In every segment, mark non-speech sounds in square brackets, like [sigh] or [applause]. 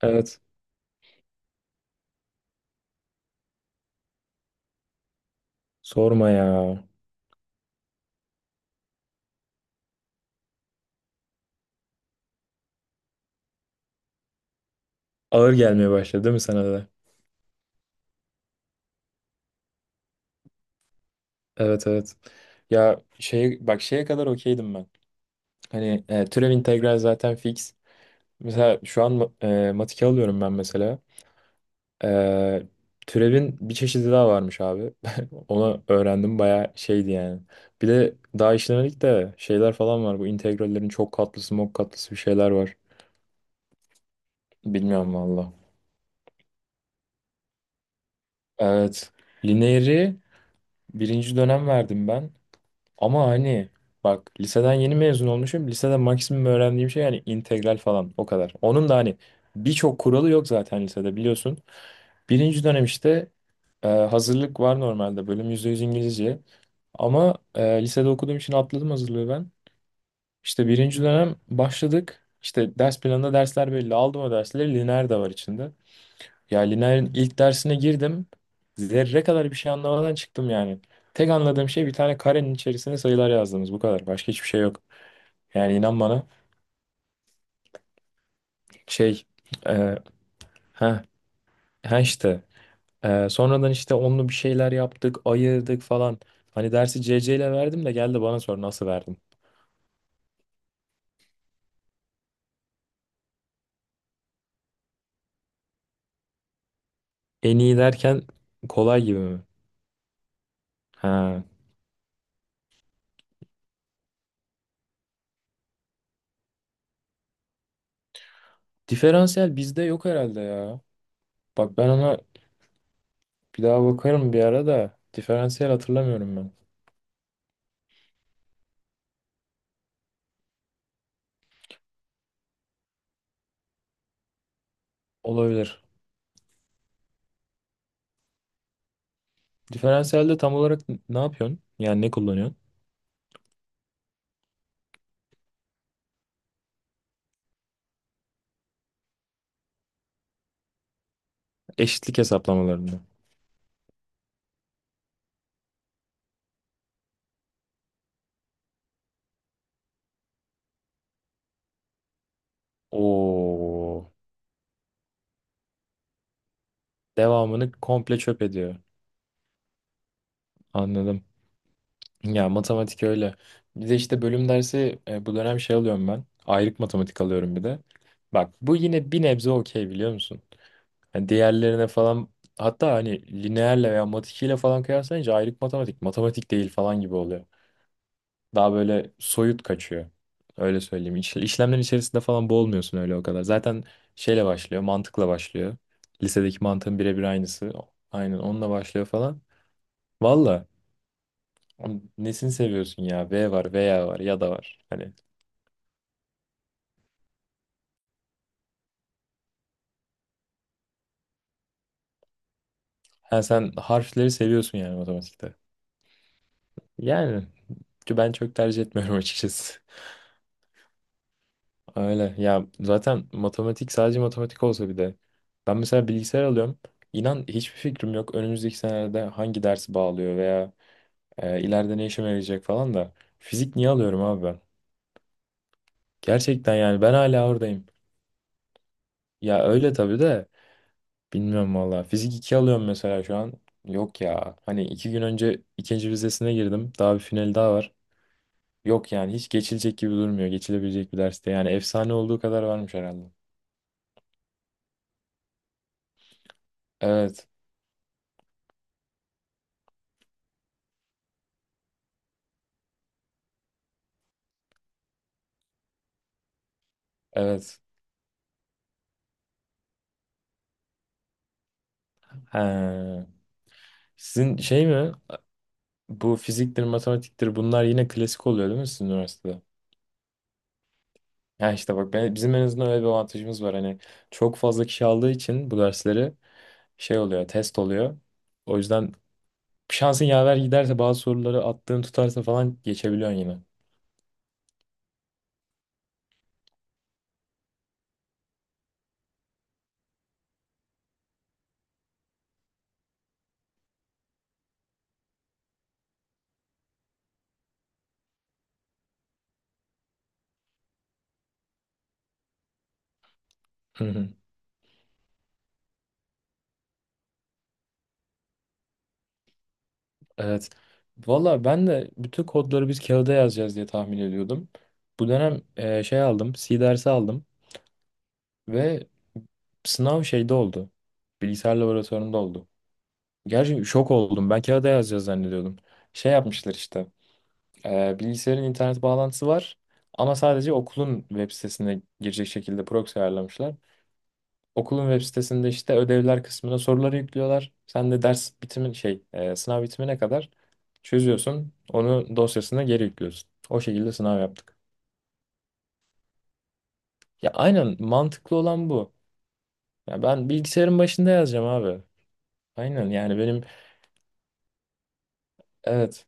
Evet. Sorma ya. Ağır gelmeye başladı değil mi sana da? Evet, evet. Ya şey bak şeye kadar okeydim ben. Hani türev integral zaten fix. Mesela şu an matike alıyorum ben mesela. E, Türevin bir çeşidi daha varmış abi. [laughs] Onu öğrendim bayağı şeydi yani. Bir de daha işlemedik de şeyler falan var. Bu integrallerin çok katlısı, mok katlısı bir şeyler var. Bilmiyorum valla. Evet. Lineeri birinci dönem verdim ben. Ama hani bak liseden yeni mezun olmuşum. Lisede maksimum öğrendiğim şey yani integral falan o kadar. Onun da hani birçok kuralı yok zaten lisede biliyorsun. Birinci dönem işte hazırlık var, normalde bölüm %100 İngilizce. Ama lisede okuduğum için atladım hazırlığı ben. İşte birinci dönem başladık. İşte ders planında dersler belli. Aldım o dersleri. Lineer de var içinde. Ya Lineer'in ilk dersine girdim. Zerre kadar bir şey anlamadan çıktım yani. Tek anladığım şey bir tane karenin içerisine sayılar yazdığımız, bu kadar. Başka hiçbir şey yok. Yani inan bana şey e, ha ha işte sonradan işte onlu bir şeyler yaptık, ayırdık falan. Hani dersi C ile verdim de geldi bana sor nasıl verdim. En iyi derken kolay gibi mi? Ha. Diferansiyel bizde yok herhalde ya. Bak ben ona bir daha bakarım bir ara da, diferansiyel hatırlamıyorum ben. Olabilir. Diferansiyelde tam olarak ne yapıyorsun? Yani ne kullanıyorsun? Eşitlik hesaplamalarını. Oo, devamını komple çöp ediyor. Anladım. Ya matematik öyle. Bir de işte bölüm dersi, bu dönem şey alıyorum ben. Ayrık matematik alıyorum bir de. Bak bu yine bir nebze okey, biliyor musun? Hani diğerlerine falan, hatta hani lineerle veya matikiyle falan kıyaslayınca ayrık matematik matematik değil falan gibi oluyor. Daha böyle soyut kaçıyor. Öyle söyleyeyim. İşlemlerin içerisinde falan boğulmuyorsun öyle o kadar. Zaten şeyle başlıyor, mantıkla başlıyor. Lisedeki mantığın birebir aynısı. Aynen onunla başlıyor falan. Valla nesini seviyorsun ya? V var, veya var, ya da var. Hani ha, sen harfleri seviyorsun yani matematikte. Yani ben çok tercih etmiyorum [laughs] açıkçası. Öyle. Ya zaten matematik sadece matematik olsa bir de. Ben mesela bilgisayar alıyorum. İnan hiçbir fikrim yok. Önümüzdeki senelerde hangi dersi bağlıyor veya ileride ne işime yarayacak falan da. Fizik niye alıyorum abi ben? Gerçekten yani ben hala oradayım. Ya öyle tabii de bilmiyorum valla. Fizik 2 alıyorum mesela şu an. Yok ya. Hani 2 gün önce ikinci vizesine girdim. Daha bir final daha var. Yok yani, hiç geçilecek gibi durmuyor. Geçilebilecek bir derste. Yani efsane olduğu kadar varmış herhalde. Evet. Evet. He. Sizin şey mi? Bu fiziktir, matematiktir, bunlar yine klasik oluyor değil mi sizin üniversitede? Ya işte bak ben, bizim en azından öyle bir avantajımız var. Hani çok fazla kişi aldığı için bu dersleri şey oluyor, test oluyor. O yüzden şansın yaver giderse, bazı soruları attığın tutarsa falan, geçebiliyorsun yine. [laughs] Evet. Valla ben de bütün kodları biz kağıda yazacağız diye tahmin ediyordum. Bu dönem şey aldım, C dersi aldım ve sınav şeyde oldu. Bilgisayar laboratuvarında oldu. Gerçi şok oldum. Ben kağıda yazacağız zannediyordum. Şey yapmışlar işte. E, bilgisayarın internet bağlantısı var ama sadece okulun web sitesine girecek şekilde proxy ayarlamışlar. Okulun web sitesinde işte ödevler kısmına soruları yüklüyorlar. Sen de ders bitimin sınav bitimine kadar çözüyorsun. Onu dosyasına geri yüklüyorsun. O şekilde sınav yaptık. Ya aynen, mantıklı olan bu. Ya ben bilgisayarın başında yazacağım abi. Aynen yani benim, evet,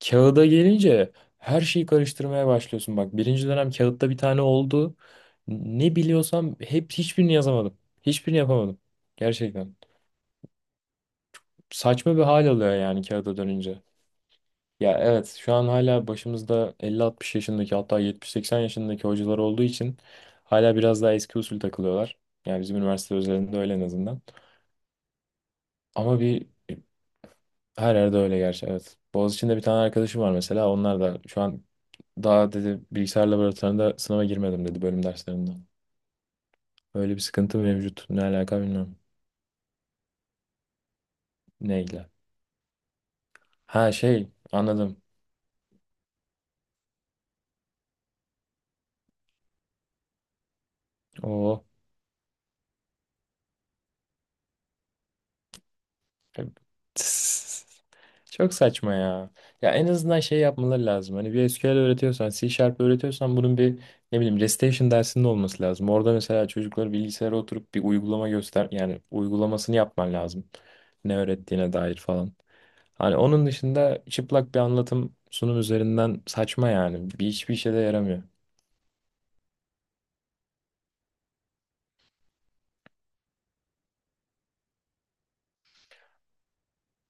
kağıda gelince her şeyi karıştırmaya başlıyorsun. Bak birinci dönem kağıtta bir tane oldu. Ne biliyorsam hep, hiçbirini yazamadım. Hiçbirini yapamadım. Gerçekten. Saçma bir hal alıyor yani kağıda dönünce. Ya evet, şu an hala başımızda 50-60 yaşındaki, hatta 70-80 yaşındaki hocalar olduğu için hala biraz daha eski usul takılıyorlar. Yani bizim üniversite özelinde öyle, en azından. Ama bir, her yerde öyle gerçi, evet. Boğaziçi'nde bir tane arkadaşım var mesela, onlar da şu an daha dedi bilgisayar laboratuvarında sınava girmedim dedi bölüm derslerinde. Öyle bir sıkıntı mevcut. Ne alaka, bilmiyorum. Neyle? Ha, şey, anladım. Oo. [laughs] Çok saçma ya. Ya en azından şey yapmaları lazım. Hani bir SQL öğretiyorsan, C Sharp öğretiyorsan, bunun bir ne bileyim Restation dersinde olması lazım. Orada mesela çocuklara bilgisayara oturup bir uygulama göster, yani uygulamasını yapman lazım. Ne öğrettiğine dair falan. Hani onun dışında çıplak bir anlatım sunum üzerinden saçma yani. Bir hiçbir işe de yaramıyor.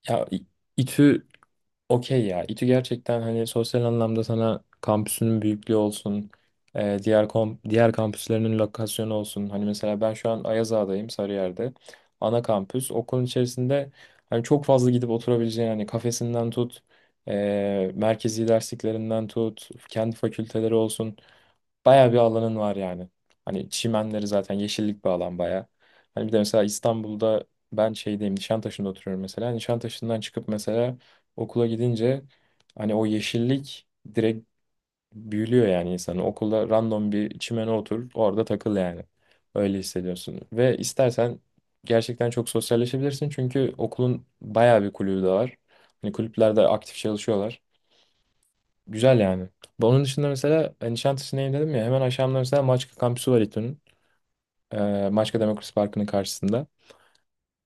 Ya İTÜ okey ya. İTÜ gerçekten hani sosyal anlamda sana, kampüsünün büyüklüğü olsun, diğer diğer kampüslerinin lokasyonu olsun. Hani mesela ben şu an Ayazağa'dayım, Sarıyer'de. Ana kampüs. Okulun içerisinde hani çok fazla gidip oturabileceğin, hani kafesinden tut, merkezi dersliklerinden tut, kendi fakülteleri olsun. Bayağı bir alanın var yani. Hani çimenleri zaten, yeşillik bir alan bayağı. Hani bir de mesela İstanbul'da, ben şeydeyim, Nişantaşı'nda oturuyorum mesela. Nişantaşı'ndan çıkıp mesela okula gidince hani o yeşillik direkt büyülüyor yani insanı. Okulda random bir çimene otur, orada takıl yani. Öyle hissediyorsun. Ve istersen gerçekten çok sosyalleşebilirsin. Çünkü okulun bayağı bir kulübü de var. Hani kulüplerde aktif çalışıyorlar. Güzel yani. Onun dışında mesela hani Nişantaşı'ndayım dedim ya, hemen aşağımda mesela Maçka kampüsü var İTÜ'nün. Maçka Demokrasi Parkı'nın karşısında.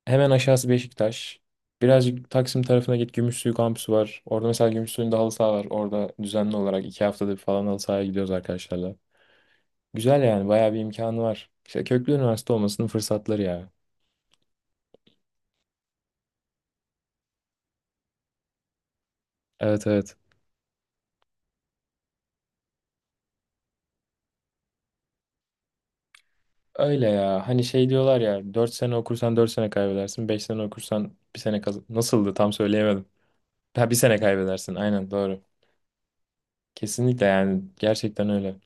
Hemen aşağısı Beşiktaş. Birazcık Taksim tarafına git, Gümüşsuyu kampüsü var. Orada mesela Gümüşsuyu'nda halı saha var. Orada düzenli olarak 2 haftadır falan halı sahaya gidiyoruz arkadaşlarla. Güzel yani, bayağı bir imkanı var. İşte köklü üniversite olmasının fırsatları ya. Evet, evet. Öyle ya. Hani şey diyorlar ya, 4 sene okursan 4 sene kaybedersin, 5 sene okursan bir sene kaz... Nasıldı, tam söyleyemedim. Ha, bir sene kaybedersin. Aynen, doğru. Kesinlikle yani, gerçekten öyle.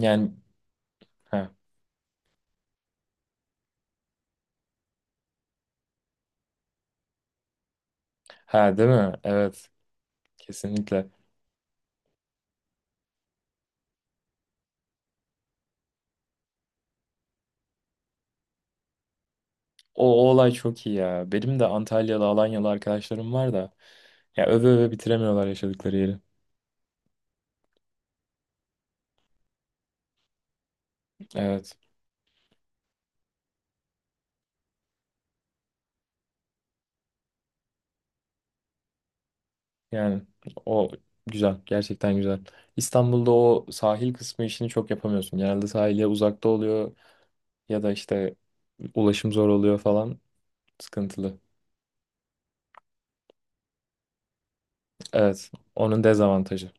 Yani ha, ha değil mi? Evet. Kesinlikle. O olay çok iyi ya. Benim de Antalyalı, Alanyalı arkadaşlarım var da ya, öve öve bitiremiyorlar yaşadıkları yeri. Evet. Yani o güzel. Gerçekten güzel. İstanbul'da o sahil kısmı işini çok yapamıyorsun. Genelde sahile uzakta oluyor ya da işte ulaşım zor oluyor falan. Sıkıntılı. Evet. Onun dezavantajı.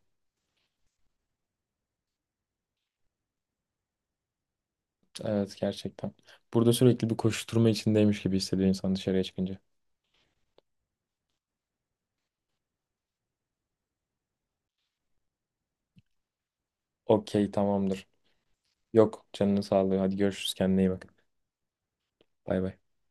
Evet, gerçekten. Burada sürekli bir koşturma içindeymiş gibi hissediyor insan dışarıya çıkınca. Okey, tamamdır. Yok, canını sağlığı. Hadi görüşürüz. Kendine iyi bak. Bay bay.